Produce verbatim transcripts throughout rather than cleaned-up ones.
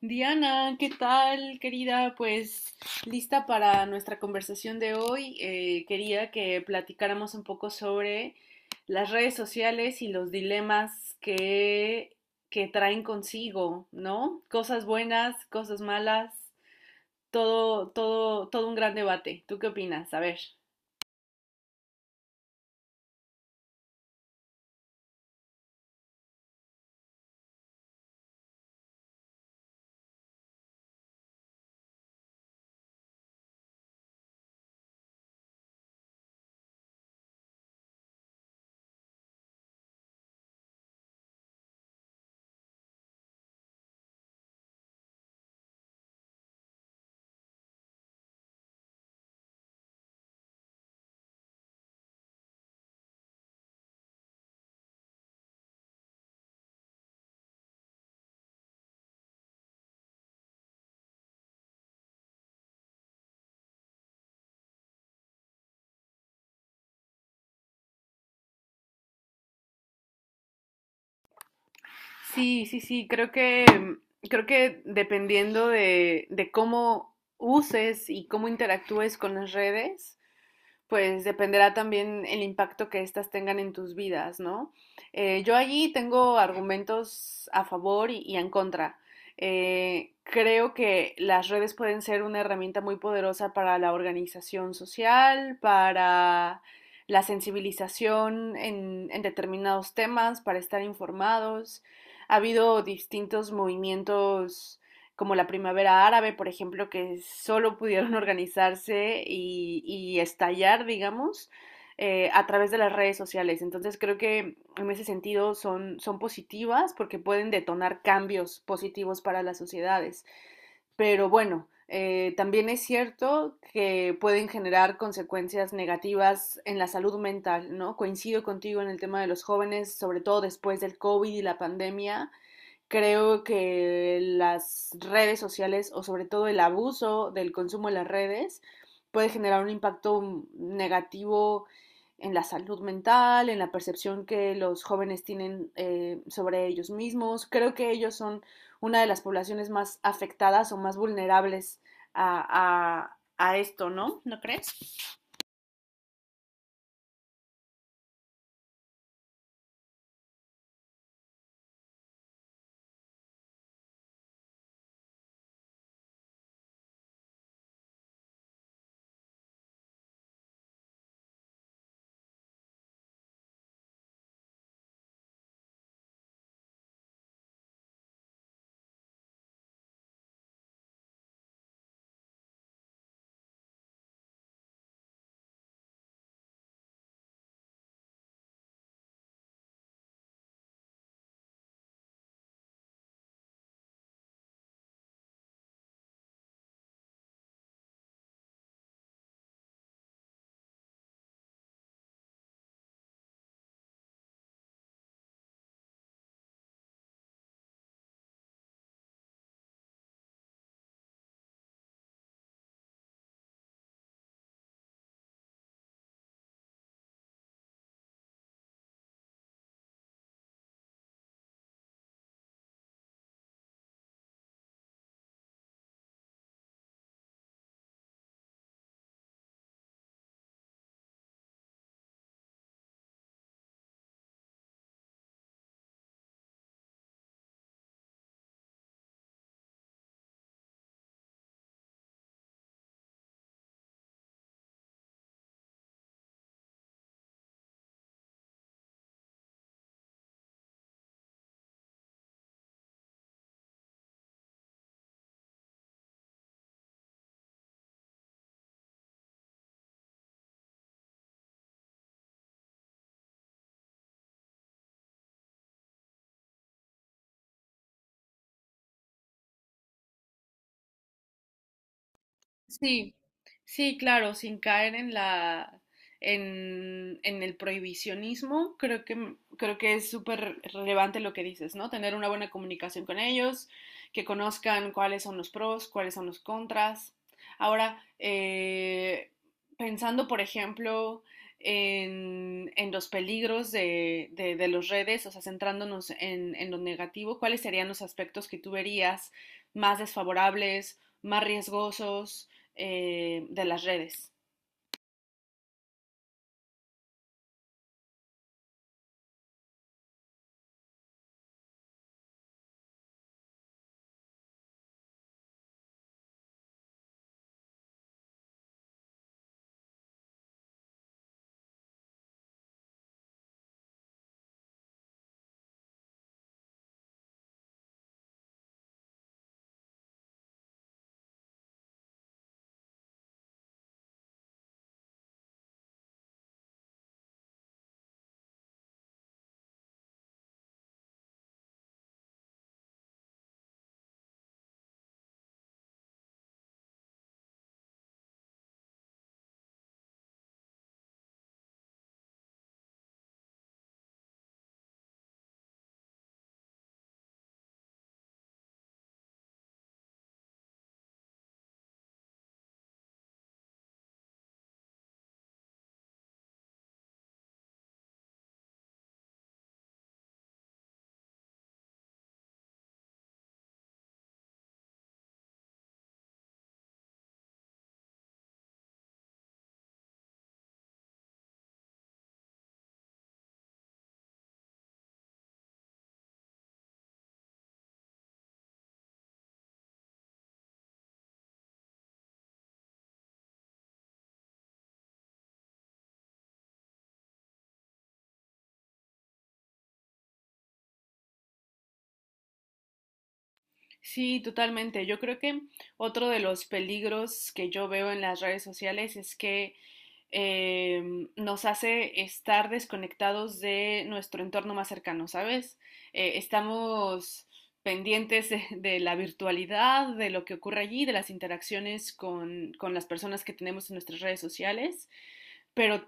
Diana, ¿qué tal, querida? Pues lista para nuestra conversación de hoy. Eh, quería que platicáramos un poco sobre las redes sociales y los dilemas que, que traen consigo, ¿no? Cosas buenas, cosas malas, todo, todo, todo un gran debate. ¿Tú qué opinas? A ver. Sí, sí, sí, creo que, creo que dependiendo de, de cómo uses y cómo interactúes con las redes, pues dependerá también el impacto que éstas tengan en tus vidas, ¿no? Eh, yo allí tengo argumentos a favor y, y en contra. Eh, creo que las redes pueden ser una herramienta muy poderosa para la organización social, para la sensibilización en, en determinados temas, para estar informados. Ha habido distintos movimientos como la primavera árabe, por ejemplo, que solo pudieron organizarse y, y estallar, digamos, eh, a través de las redes sociales. Entonces creo que en ese sentido son, son positivas porque pueden detonar cambios positivos para las sociedades. Pero bueno, eh, también es cierto que pueden generar consecuencias negativas en la salud mental, ¿no? Coincido contigo en el tema de los jóvenes, sobre todo después del COVID y la pandemia. Creo que las redes sociales o sobre todo el abuso del consumo de las redes puede generar un impacto negativo en la salud mental, en la percepción que los jóvenes tienen eh, sobre ellos mismos. Creo que ellos son una de las poblaciones más afectadas o más vulnerables a, a, a esto, ¿no? ¿No crees? Sí, sí, claro, sin caer en la en, en el prohibicionismo, creo que mm, creo que es súper relevante lo que dices, ¿no? Tener una buena comunicación con ellos, que conozcan cuáles son los pros, cuáles son los contras. Ahora, eh, pensando, por ejemplo, en, en los peligros de, de, de las redes, o sea, centrándonos en, en lo negativo, ¿cuáles serían los aspectos que tú verías más desfavorables, más riesgosos, eh, de las redes? Sí, totalmente. Yo creo que otro de los peligros que yo veo en las redes sociales es que em, nos hace estar desconectados de nuestro entorno más cercano, ¿sabes? Eh, estamos pendientes de, de la virtualidad, de lo que ocurre allí, de las interacciones con, con las personas que tenemos en nuestras redes sociales, pero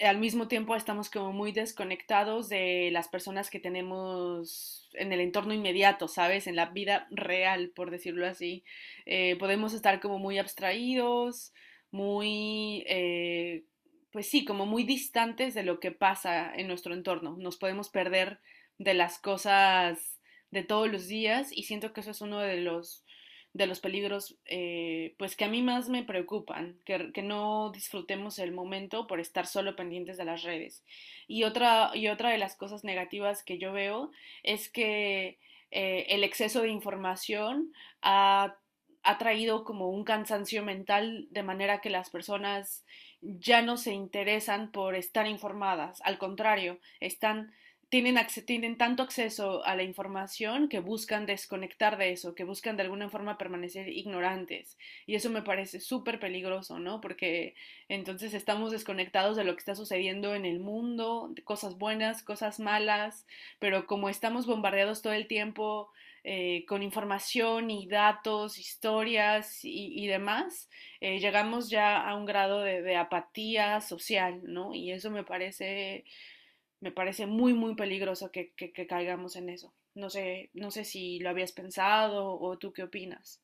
al mismo tiempo estamos como muy desconectados de las personas que tenemos en el entorno inmediato, ¿sabes? En la vida real, por decirlo así. Eh, podemos estar como muy abstraídos, muy, eh, pues sí, como muy distantes de lo que pasa en nuestro entorno. Nos podemos perder de las cosas de todos los días y siento que eso es uno de los de los peligros, eh, pues que a mí más me preocupan, que, que, no disfrutemos el momento por estar solo pendientes de las redes. Y otra, y otra de las cosas negativas que yo veo es que eh, el exceso de información ha, ha traído como un cansancio mental de manera que las personas ya no se interesan por estar informadas, al contrario, están tienen, tienen tanto acceso a la información que buscan desconectar de eso, que buscan de alguna forma permanecer ignorantes. Y eso me parece súper peligroso, ¿no? Porque entonces estamos desconectados de lo que está sucediendo en el mundo, de cosas buenas, cosas malas, pero como estamos bombardeados todo el tiempo eh, con información y datos, historias y, y demás, eh, llegamos ya a un grado de, de apatía social, ¿no? Y eso me parece me parece muy, muy peligroso que, que, que caigamos en eso. No sé, no sé si lo habías pensado o tú qué opinas.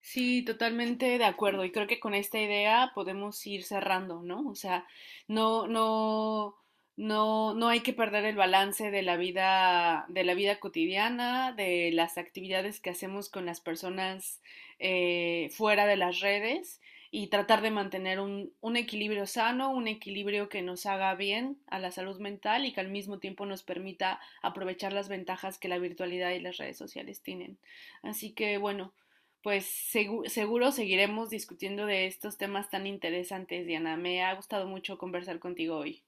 Sí, totalmente de acuerdo. Y creo que con esta idea podemos ir cerrando, ¿no? O sea, no, no, no, no hay que perder el balance de la vida, de la vida cotidiana, de las actividades que hacemos con las personas eh, fuera de las redes y tratar de mantener un, un equilibrio sano, un equilibrio que nos haga bien a la salud mental y que al mismo tiempo nos permita aprovechar las ventajas que la virtualidad y las redes sociales tienen. Así que bueno, pues segu seguro seguiremos discutiendo de estos temas tan interesantes, Diana. Me ha gustado mucho conversar contigo hoy.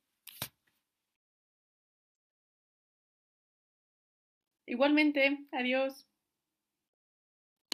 Igualmente, adiós.